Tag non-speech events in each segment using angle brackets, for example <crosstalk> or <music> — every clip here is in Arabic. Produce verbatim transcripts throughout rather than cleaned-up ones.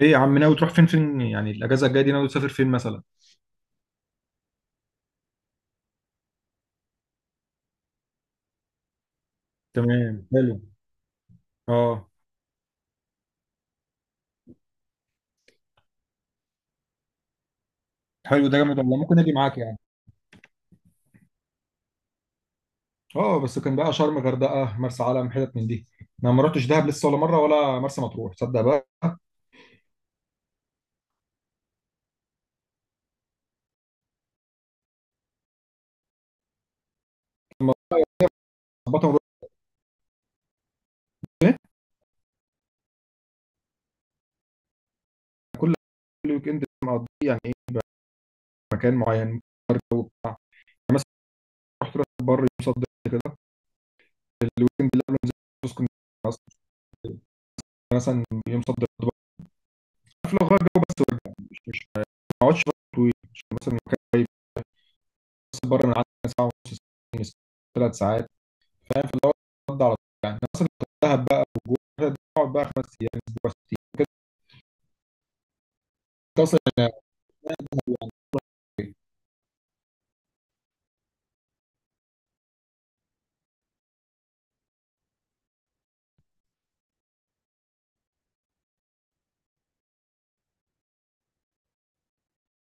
ايه يا عم ناوي تروح فين فين يعني الاجازه الجايه دي ناوي تسافر فين مثلا. تمام حلو. اه. حلو ده جامد والله، ممكن اجي معاك يعني. اه بس كان بقى شرم، غردقه، مرسى علم، حتت من دي. انا ما رحتش دهب لسه ولا مره، ولا مرسى مطروح، تصدق بقى. بطل ونروح فين؟ كل كل ويك اند مقضي يعني، ايه مكان معين. أنا مثلا رحت راس البر يوم صد رد كده. الويك اند اللي قبله نزلت اسكندريه أصلاً. مثلا يوم صد رد بقى في، لو غير جو بس وارجع، مش مش ما اقعدش فترة طويله، عشان مثلا مكان بره من عندنا، ساعة ونص، ثلاث ساعات، فاهم؟ في الأول رد على طول يعني، مثلا دهب بقى وجوه تقعد بقى خمس أيام، أسبوع، ست أيام كده أصلا.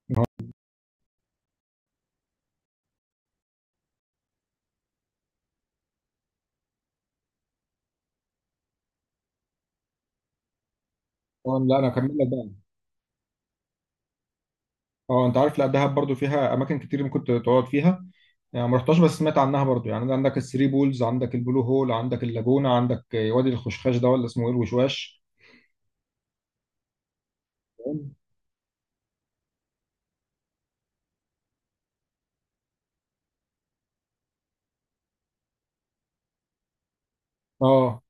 ما هو- لا أنا هكمل لك بقى. أه أنت عارف، لا دهب برضو فيها أماكن كتير ممكن تقعد فيها يعني. ما رحتهاش بس سمعت عنها برضو، يعني عندك الثري بولز، عندك البلو هول، عندك اللاجونة، عندك وادي الخشخاش، ده ولا اسمه إيه الوشواش. اه.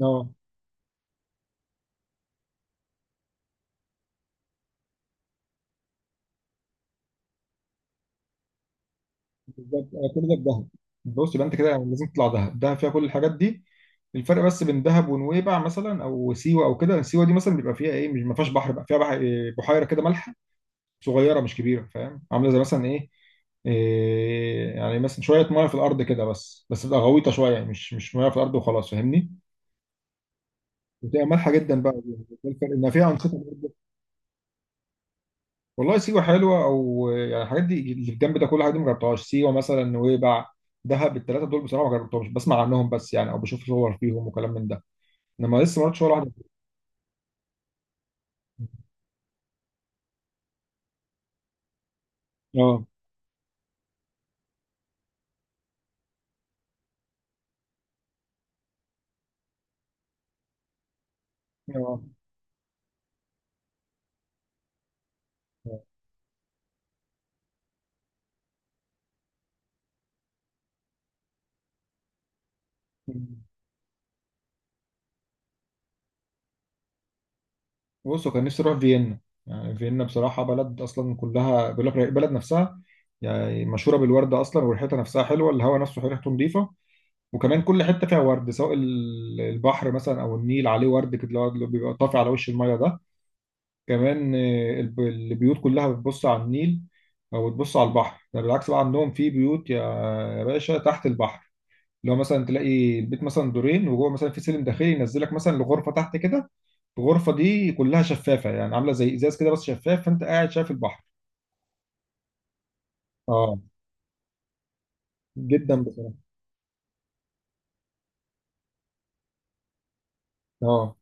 اه بالظبط، آه، كل ده بدهب. بص يبقى انت كده لازم تطلع دهب، دهب فيها كل الحاجات دي. الفرق بس بين دهب ونويبع مثلا، او سيوه، او كده، سيوه دي مثلا بيبقى فيها ايه، مش ما فيهاش بحر، بقى فيها بح- بحيره كده مالحه، صغيره مش كبيره، فاهم؟ عامله زي مثلا ايه، إيه يعني، مثلا شويه ميه في الارض كده، بس بس بتبقى غويطه شويه، يعني مش مش ميه في الارض وخلاص، فاهمني؟ بتبقى مالحه جدا بقى دي. ده الفرق، ان فيها انشطه. والله سيوة حلوة، أو يعني الحاجات دي اللي في الجنب ده، كل حاجة دي ما جربتهاش، سيوة مثلا، نويبع، دهب، التلاتة دول بصراحة ما جربتهمش، بسمع عنهم بس يعني، أو بشوف صور فيهم وكلام من ده، إنما لسه ما رحتش ولا واحدة. اه. اه بصوا، كان نفسي اروح فيينا. يعني فيينا بصراحه بلد اصلا كلها، بيقول لك البلد نفسها يعني مشهوره بالورد اصلا، وريحتها نفسها حلوه، الهواء نفسه ريحته نظيفه. وكمان كل حته فيها ورد، سواء ال- البحر مثلا او النيل، عليه ورد كده، اللي هو اللي بيبقى طافي على وش الميه ده. كمان آه، الب- البيوت كلها بتبص على النيل، او بتبص على البحر. ده بالعكس بقى، عندهم في بيوت يا يا باشا تحت البحر. لو مثلا تلاقي البيت مثلا دورين، وجوه مثلا في سلم داخلي ينزلك مثلا لغرفه تحت كده، الغرفه دي كلها شفافه، يعني عامله زي ازاز كده بس شفاف، فانت قاعد شايف البحر. اه جدا بصراحه. اه.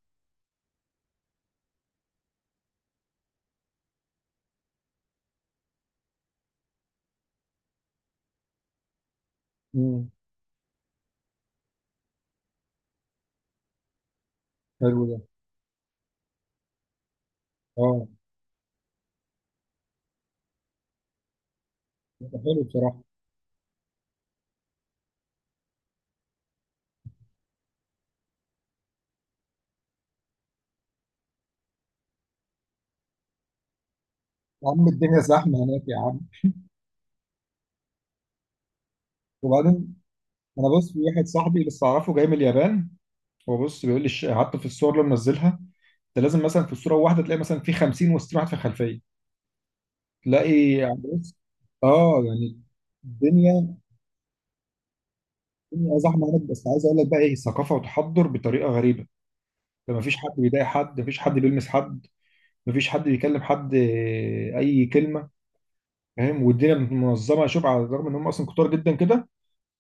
امم. حلو ده. اه. ده حلو بصراحه. يا عم الدنيا زحمه هناك يا عم. وبعدين انا بص، في واحد صاحبي لسه اعرفه جاي من اليابان، هو بص بيقول لي الش- حتى في الصور اللي منزلها، ده لازم مثلا في الصوره واحده تلاقي مثلا في خمسين و60 واحد في الخلفيه تلاقي، يعني بص اه يعني الدنيا. الدنيا زحمه هناك، بس عايز اقول لك بقى ايه، ثقافه وتحضر بطريقه غريبه. ده مفيش حد بيضايق حد، مفيش حد بيلمس حد، مفيش حد بيكلم حد آه، اي كلمه، فاهم؟ والدنيا منظمه، شوف على الرغم ان هم اصلا كتار جدا كده،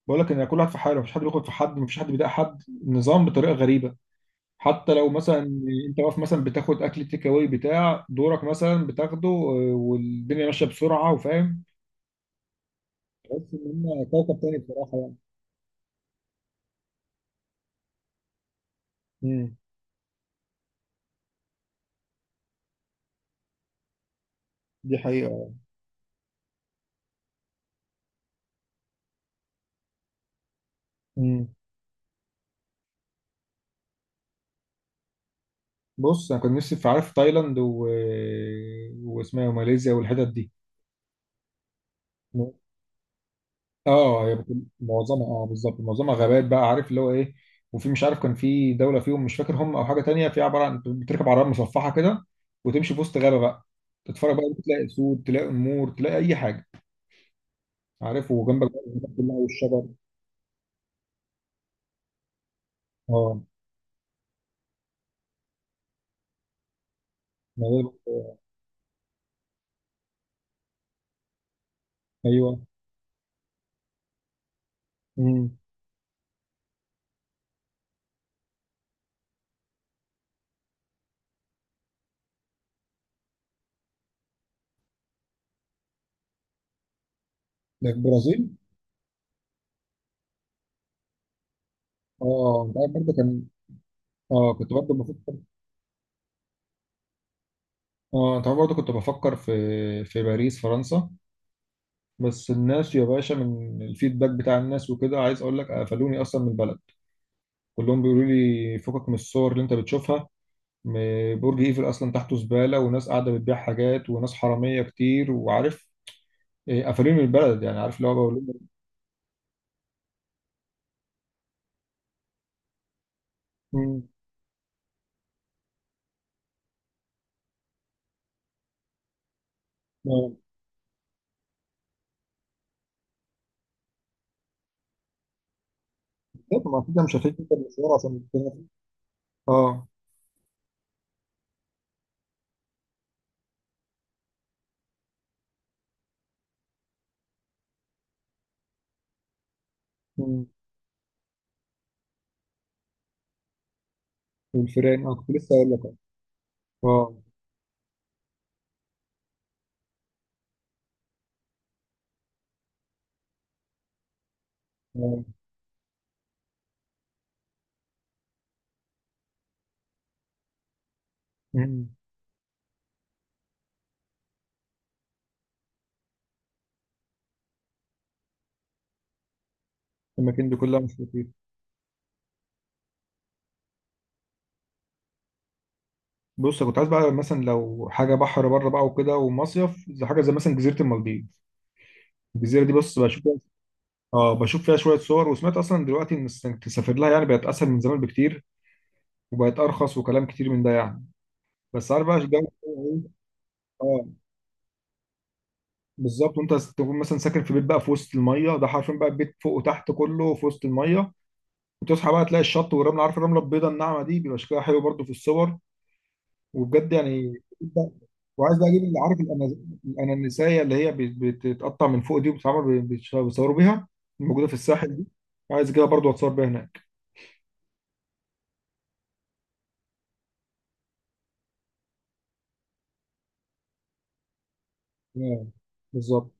بقول لك ان كل واحد في حاله، مفيش حد بياخد في حد، مفيش حد بيضايق حد، النظام بطريقه غريبه. حتى لو مثلا انت واقف مثلا بتاخد اكل تيك اواي بتاع دورك مثلا بتاخده آه، والدنيا ماشيه بسرعه، وفاهم. تحس ان هم كوكب تاني بصراحه يعني. امم. دي حقيقه. امم. بص انا كنت نفسي في، عارف، تايلاند و... آه، واسمها إيه، ماليزيا والحتت دي. اه هي بتكون معظمها، اه بالظبط معظمها غابات، بقى عارف اللي هو ايه. وفي مش عارف كان في دوله فيهم مش فاكر هم، او حاجه تانية، في عباره عن بتركب عربيه مصفحه كده، وتمشي في وسط غابه بقى، تتفرج بقى، تلاقي اسود، تلاقي نمور، تلاقي اي حاجه، عارف؟ وجنبك بقى الحتت كلها والشجر. اه مليان- ايوه. امم. ده في البرازيل. اه انت عارف برضه كان، اه كنت برضه بفكر، اه انت عارف برضه كنت بفكر في، في باريس، فرنسا. بس الناس يا باشا، من الفيدباك بتاع الناس وكده، عايز اقول لك قفلوني اصلا من البلد. كلهم بيقولوا لي فكك من الصور اللي انت بتشوفها. م- برج ايفل اصلا تحته زباله، وناس قاعده بتبيع حاجات، وناس حراميه كتير، وعارف إيه، قفلوني من البلد يعني، عارف اللي هو بقول لهم. مم. آه. طب ما كده مش هتيجي انت المشوار عشان. اه. مم. والفيران اه كنت لسه اقول لك. اه. اه. مم. الاماكن دي كلها مش لطيفه. بص كنت عايز بقى مثلا لو حاجه بحر بره بقى وكده ومصيف، زي حاجه زي مثلا جزيره المالديف. الجزيره دي بص بشوف فيها- اه بشوف فيها شويه صور، وسمعت اصلا دلوقتي ان إنك تسافر لها يعني بقت اسهل من زمان بكتير، وبقت ارخص وكلام كتير من ده يعني. بس عارف بقى الجو. إيه؟ اه بالظبط، وانت تكون مثلا ساكن في بيت بقى في وسط الميه ده، حرفيا بقى البيت فوق وتحت كله في وسط الميه، وتصحى بقى تلاقي الشط والرمله، عارف الرمله البيضاء الناعمه دي، بيبقى شكلها حلو برضو في الصور وبجد يعني. وعايز بقى اجيب اللي، عارف، الأنا- الانانسيه اللي هي بت- بتتقطع من فوق دي، وبتتعمل ب- بتش- بيصوروا بيها، الموجوده في الساحل دي. عايز اجيبها برضو اتصور بيها هناك. آه، بالظبط.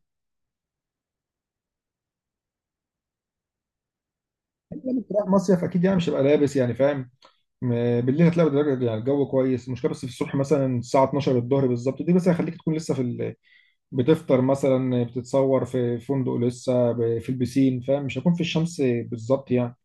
يعني رايح مصيف اكيد، يعني مش هبقى لابس يعني، فاهم؟ م- بالليل هتلاقي درجة- يعني الجو كويس، المشكله بس في الصبح مثلا الساعه اتناشر الظهر بالظبط دي، بس هيخليك تكون لسه في ال... بتفطر مثلا بتتصور في فندق لسه ب- في البسين، فاهم؟ مش هكون في الشمس بالظبط يعني.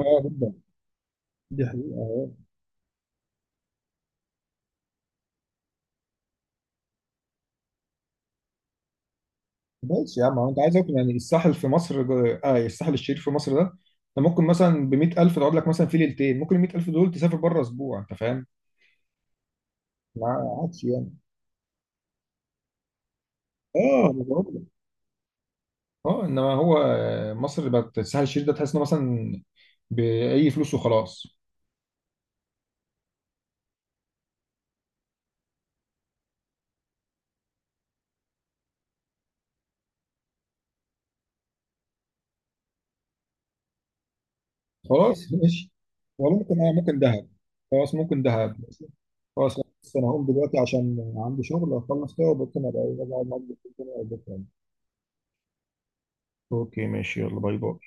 اه جدا، دي حقيقة. ماشي يا عم، هو انت عايز اكل يعني الساحل في مصر ده- اه الساحل الشرير في مصر ده، انت ممكن مثلا ب مية ألف تقعد لك مثلا في ليلتين، ممكن ال مية ألف دول تسافر بره اسبوع، انت فاهم؟ ما عادش يعني. اه انا بقول لك. اه انما هو مصر بقت الساحل الشرير ده، تحس انه مثلا باي فلوس وخلاص. خلاص <laughs> ماشي. والله ممكن، آه ممكن دهب، خلاص ممكن دهب ماشي. خلاص بس انا هقوم دلوقتي عشان عندي شغل اخلص كده، وبكره ابقى ايه، أبقى اقعد معاك بالليل تاني او بكره يعني. اوكي ماشي، يلا باي باي.